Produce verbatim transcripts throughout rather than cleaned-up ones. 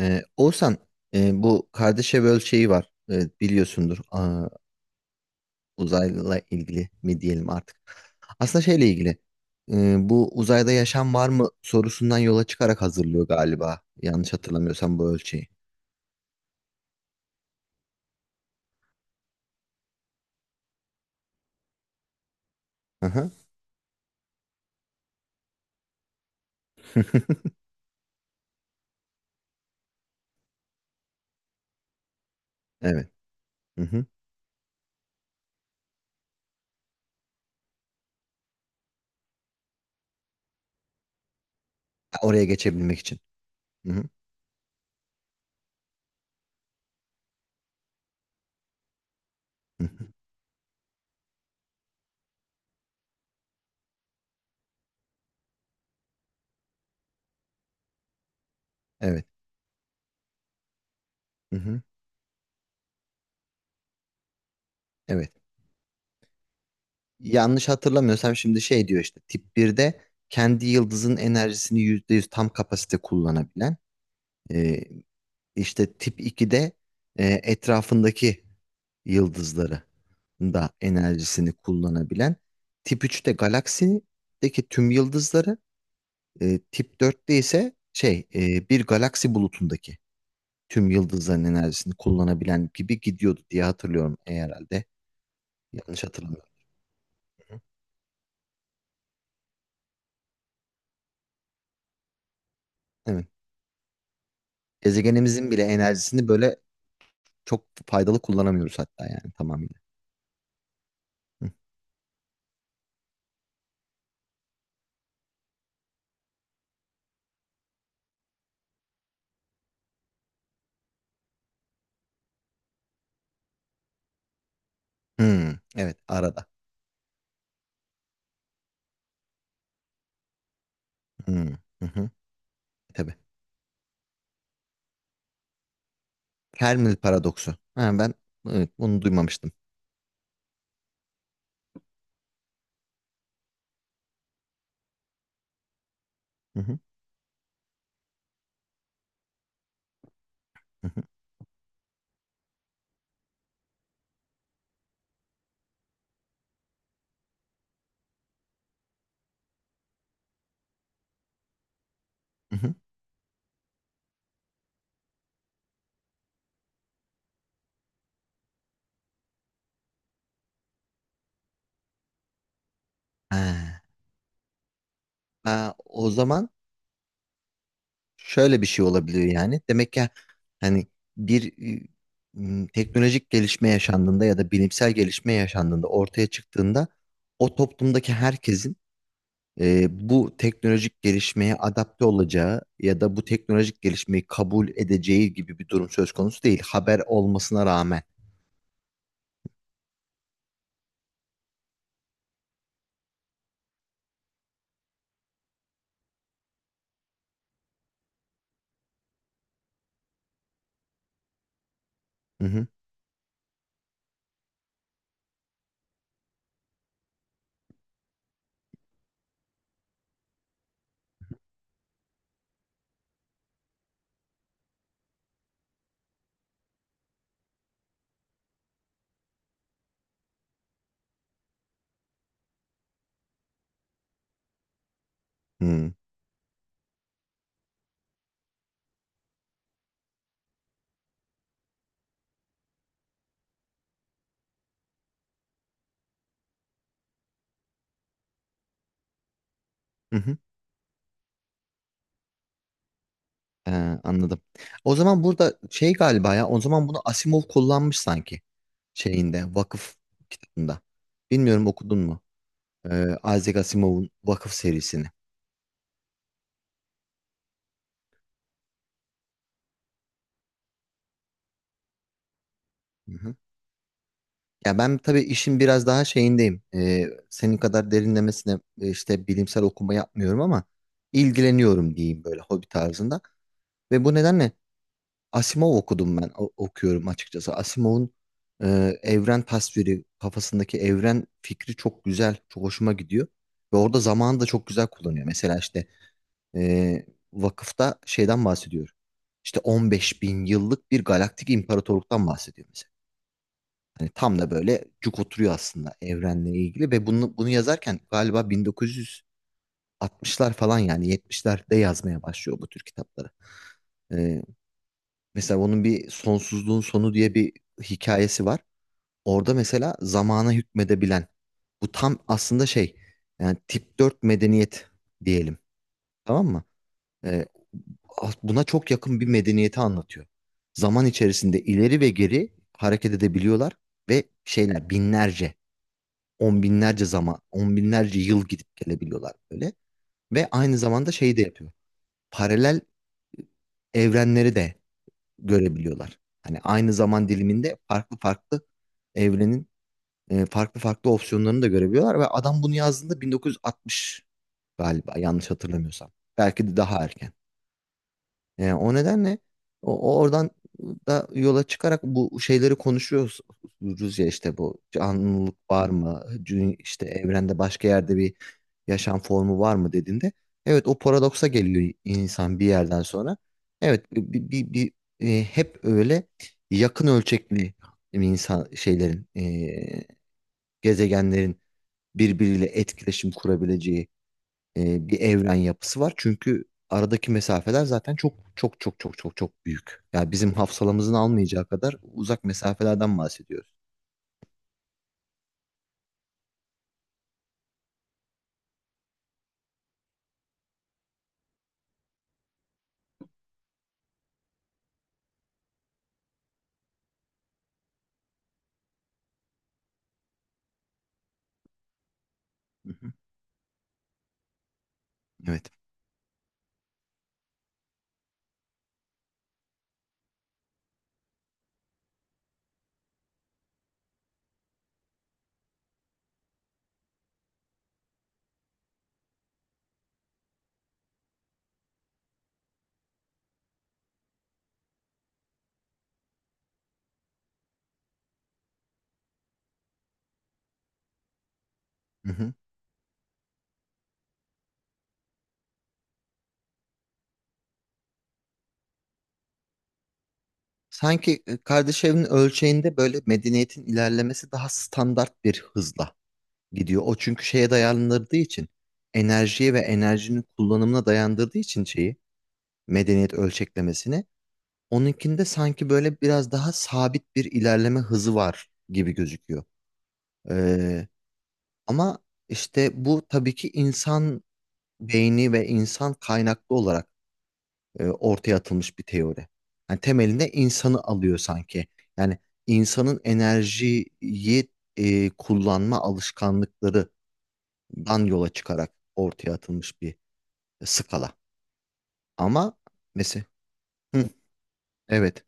Ee, Oğuzhan, e, bu Kardashev ölçeği var. E, biliyorsundur. Aa, uzayla ilgili mi diyelim artık. Aslında şeyle ilgili. E, bu uzayda yaşam var mı sorusundan yola çıkarak hazırlıyor galiba. Yanlış hatırlamıyorsam bu ölçeği. Hı hı. Evet. Hı hı. Ha, oraya geçebilmek için. Hı hı. Hı hı. Evet. Hı hı. Evet. Yanlış hatırlamıyorsam şimdi şey diyor işte tip birde kendi yıldızın enerjisini yüzde yüz tam kapasite kullanabilen, e, İşte tip ikide e, etrafındaki yıldızları da enerjisini kullanabilen. Tip üçte galaksideki tüm yıldızları, e, tip dörtte ise şey, e, bir galaksi bulutundaki tüm yıldızların enerjisini kullanabilen gibi gidiyordu diye hatırlıyorum e, herhalde. Yanlış hatırlamıyorum. Evet. Gezegenimizin bile enerjisini böyle çok faydalı kullanamıyoruz hatta yani tamamıyla. Hı. Hmm, evet arada. Hmm, hı hı, tabii. Fermi paradoksu. Ha, ben, evet, bunu duymamıştım. Hı hı, hı hı, hı hı. Ha. Ha, o zaman şöyle bir şey olabiliyor yani. Demek ki hani bir, e, m, teknolojik gelişme yaşandığında ya da bilimsel gelişme yaşandığında ortaya çıktığında o toplumdaki herkesin e, bu teknolojik gelişmeye adapte olacağı ya da bu teknolojik gelişmeyi kabul edeceği gibi bir durum söz konusu değil. Haber olmasına rağmen. Hı hı. Hı hı. Hı. Ee, Anladım. O zaman burada şey galiba, ya o zaman bunu Asimov kullanmış sanki şeyinde vakıf kitabında. Bilmiyorum, okudun mu? Ee, Isaac Asimov'un Vakıf serisini. Hı hı. Ya ben tabii işin biraz daha şeyindeyim. Ee, senin kadar derinlemesine e, işte bilimsel okuma yapmıyorum ama ilgileniyorum diyeyim böyle hobi tarzında. Ve bu nedenle Asimov okudum ben, o- okuyorum açıkçası. Asimov'un e, evren tasviri, kafasındaki evren fikri çok güzel, çok hoşuma gidiyor. Ve orada zamanı da çok güzel kullanıyor. Mesela işte, e, vakıfta şeyden bahsediyor. İşte on beş bin yıllık bir galaktik imparatorluktan bahsediyor mesela. Hani tam da böyle cuk oturuyor aslında evrenle ilgili ve bunu, bunu yazarken galiba bin dokuz yüz altmışlar falan, yani yetmişlerde yazmaya başlıyor bu tür kitapları. Ee, Mesela onun bir Sonsuzluğun Sonu diye bir hikayesi var. Orada mesela zamana hükmedebilen, bu tam aslında şey, yani tip dört medeniyet diyelim, tamam mı? As- buna çok yakın bir medeniyeti anlatıyor. Zaman içerisinde ileri ve geri hareket edebiliyorlar ve şeyler binlerce, on binlerce zaman, on binlerce yıl gidip gelebiliyorlar böyle. Ve aynı zamanda şeyi de yapıyor. Paralel e, evrenleri de görebiliyorlar. Hani aynı zaman diliminde farklı farklı evrenin e, farklı farklı opsiyonlarını da görebiliyorlar ve adam bunu yazdığında bin dokuz yüz altmış, galiba yanlış hatırlamıyorsam. Belki de daha erken. Yani o nedenle o, o oradan da yola çıkarak bu şeyleri konuşuyoruz, ya işte bu canlılık var mı? Cü- işte evrende başka yerde bir yaşam formu var mı dediğinde, evet, o paradoksa geliyor insan bir yerden sonra. Evet, bir, bir, bir- bir- e, hep öyle yakın ölçekli insan şeylerin, e, gezegenlerin birbiriyle etkileşim kurabileceği e, bir evren yapısı var. Çünkü aradaki mesafeler zaten çok çok çok çok çok çok büyük. Yani bizim hafsalamızın almayacağı kadar uzak mesafelerden bahsediyoruz. Hı hı. Evet. Hı hı. Sanki e, kardeş evinin ölçeğinde böyle medeniyetin ilerlemesi daha standart bir hızla gidiyor. O, çünkü şeye dayandırdığı için, enerjiye ve enerjinin kullanımına dayandırdığı için, şeyi, medeniyet ölçeklemesini, onunkinde sanki böyle biraz daha sabit bir ilerleme hızı var gibi gözüküyor. Ee, Ama işte bu tabii ki insan beyni ve insan kaynaklı olarak e, ortaya atılmış bir teori. Yani temelinde insanı alıyor sanki. Yani insanın enerjiyi e, kullanma alışkanlıklarından yola çıkarak ortaya atılmış bir skala. Ama mesela hı, evet.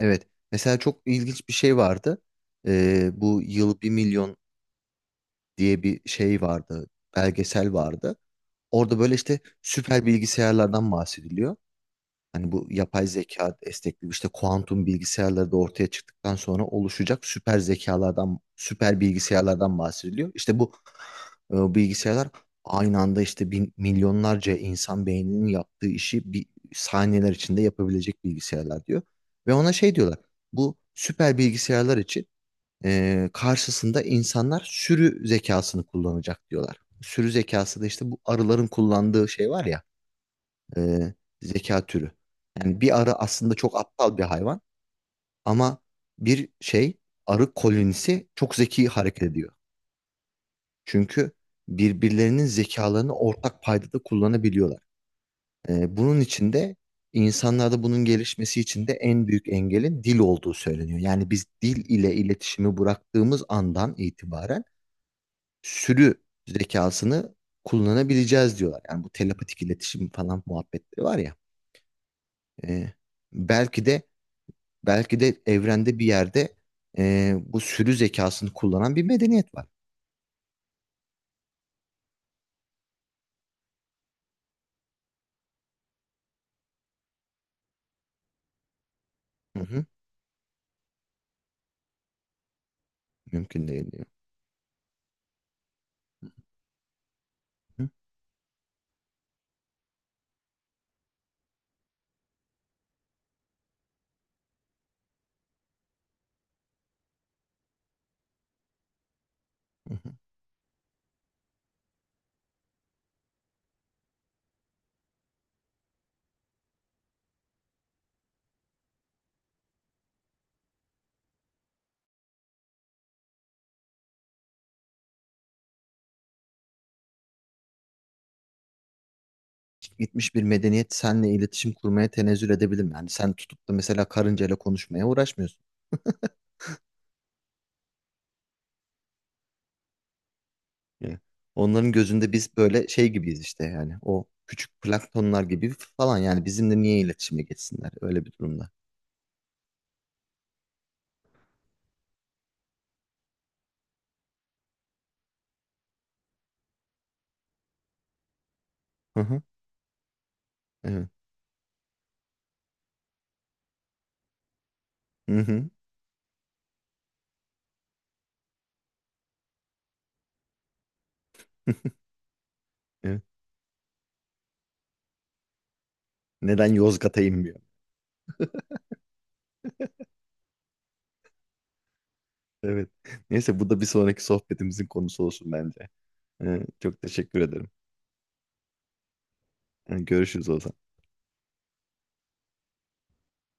Evet. Mesela çok ilginç bir şey vardı. Ee, bu Yıl Bir Milyon diye bir şey vardı. Belgesel vardı. Orada böyle işte süper bilgisayarlardan bahsediliyor. Hani bu yapay zeka destekli işte kuantum bilgisayarları da ortaya çıktıktan sonra oluşacak süper zekalardan, süper bilgisayarlardan bahsediliyor. İşte bu e, bilgisayarlar aynı anda işte bin, milyonlarca insan beyninin yaptığı işi bir saniyeler içinde yapabilecek bilgisayarlar diyor. Ve ona şey diyorlar. Bu süper bilgisayarlar için, e, karşısında insanlar sürü zekasını kullanacak diyorlar. Sürü zekası da işte bu arıların kullandığı şey var ya, e, zeka türü. Yani bir arı aslında çok aptal bir hayvan ama bir şey arı kolonisi çok zeki hareket ediyor. Çünkü birbirlerinin zekalarını ortak paydada kullanabiliyorlar. E, bunun için de, insanlarda bunun gelişmesi için de, en büyük engelin dil olduğu söyleniyor. Yani biz dil ile iletişimi bıraktığımız andan itibaren sürü zekasını kullanabileceğiz diyorlar. Yani bu telepatik iletişim falan muhabbetleri var ya. e, belki de Belki de evrende bir yerde e, bu sürü zekasını kullanan bir medeniyet var. Hı hı, mümkün değil diyor. Hı hı. Hı. Gitmiş bir medeniyet seninle iletişim kurmaya tenezzül edebilir mi? Yani sen tutup da mesela karıncayla konuşmaya uğraşmıyorsun. Yani onların gözünde biz böyle şey gibiyiz işte, yani o küçük planktonlar gibi falan, yani bizimle niye iletişime geçsinler öyle bir durumda. Hı hı, evet. Hı hı, evet. Neden Yozgat'a inmiyor? Evet. Neyse bu da bir sonraki sohbetimizin konusu olsun bence. Ee, Çok teşekkür ederim. Ee, Görüşürüz o zaman.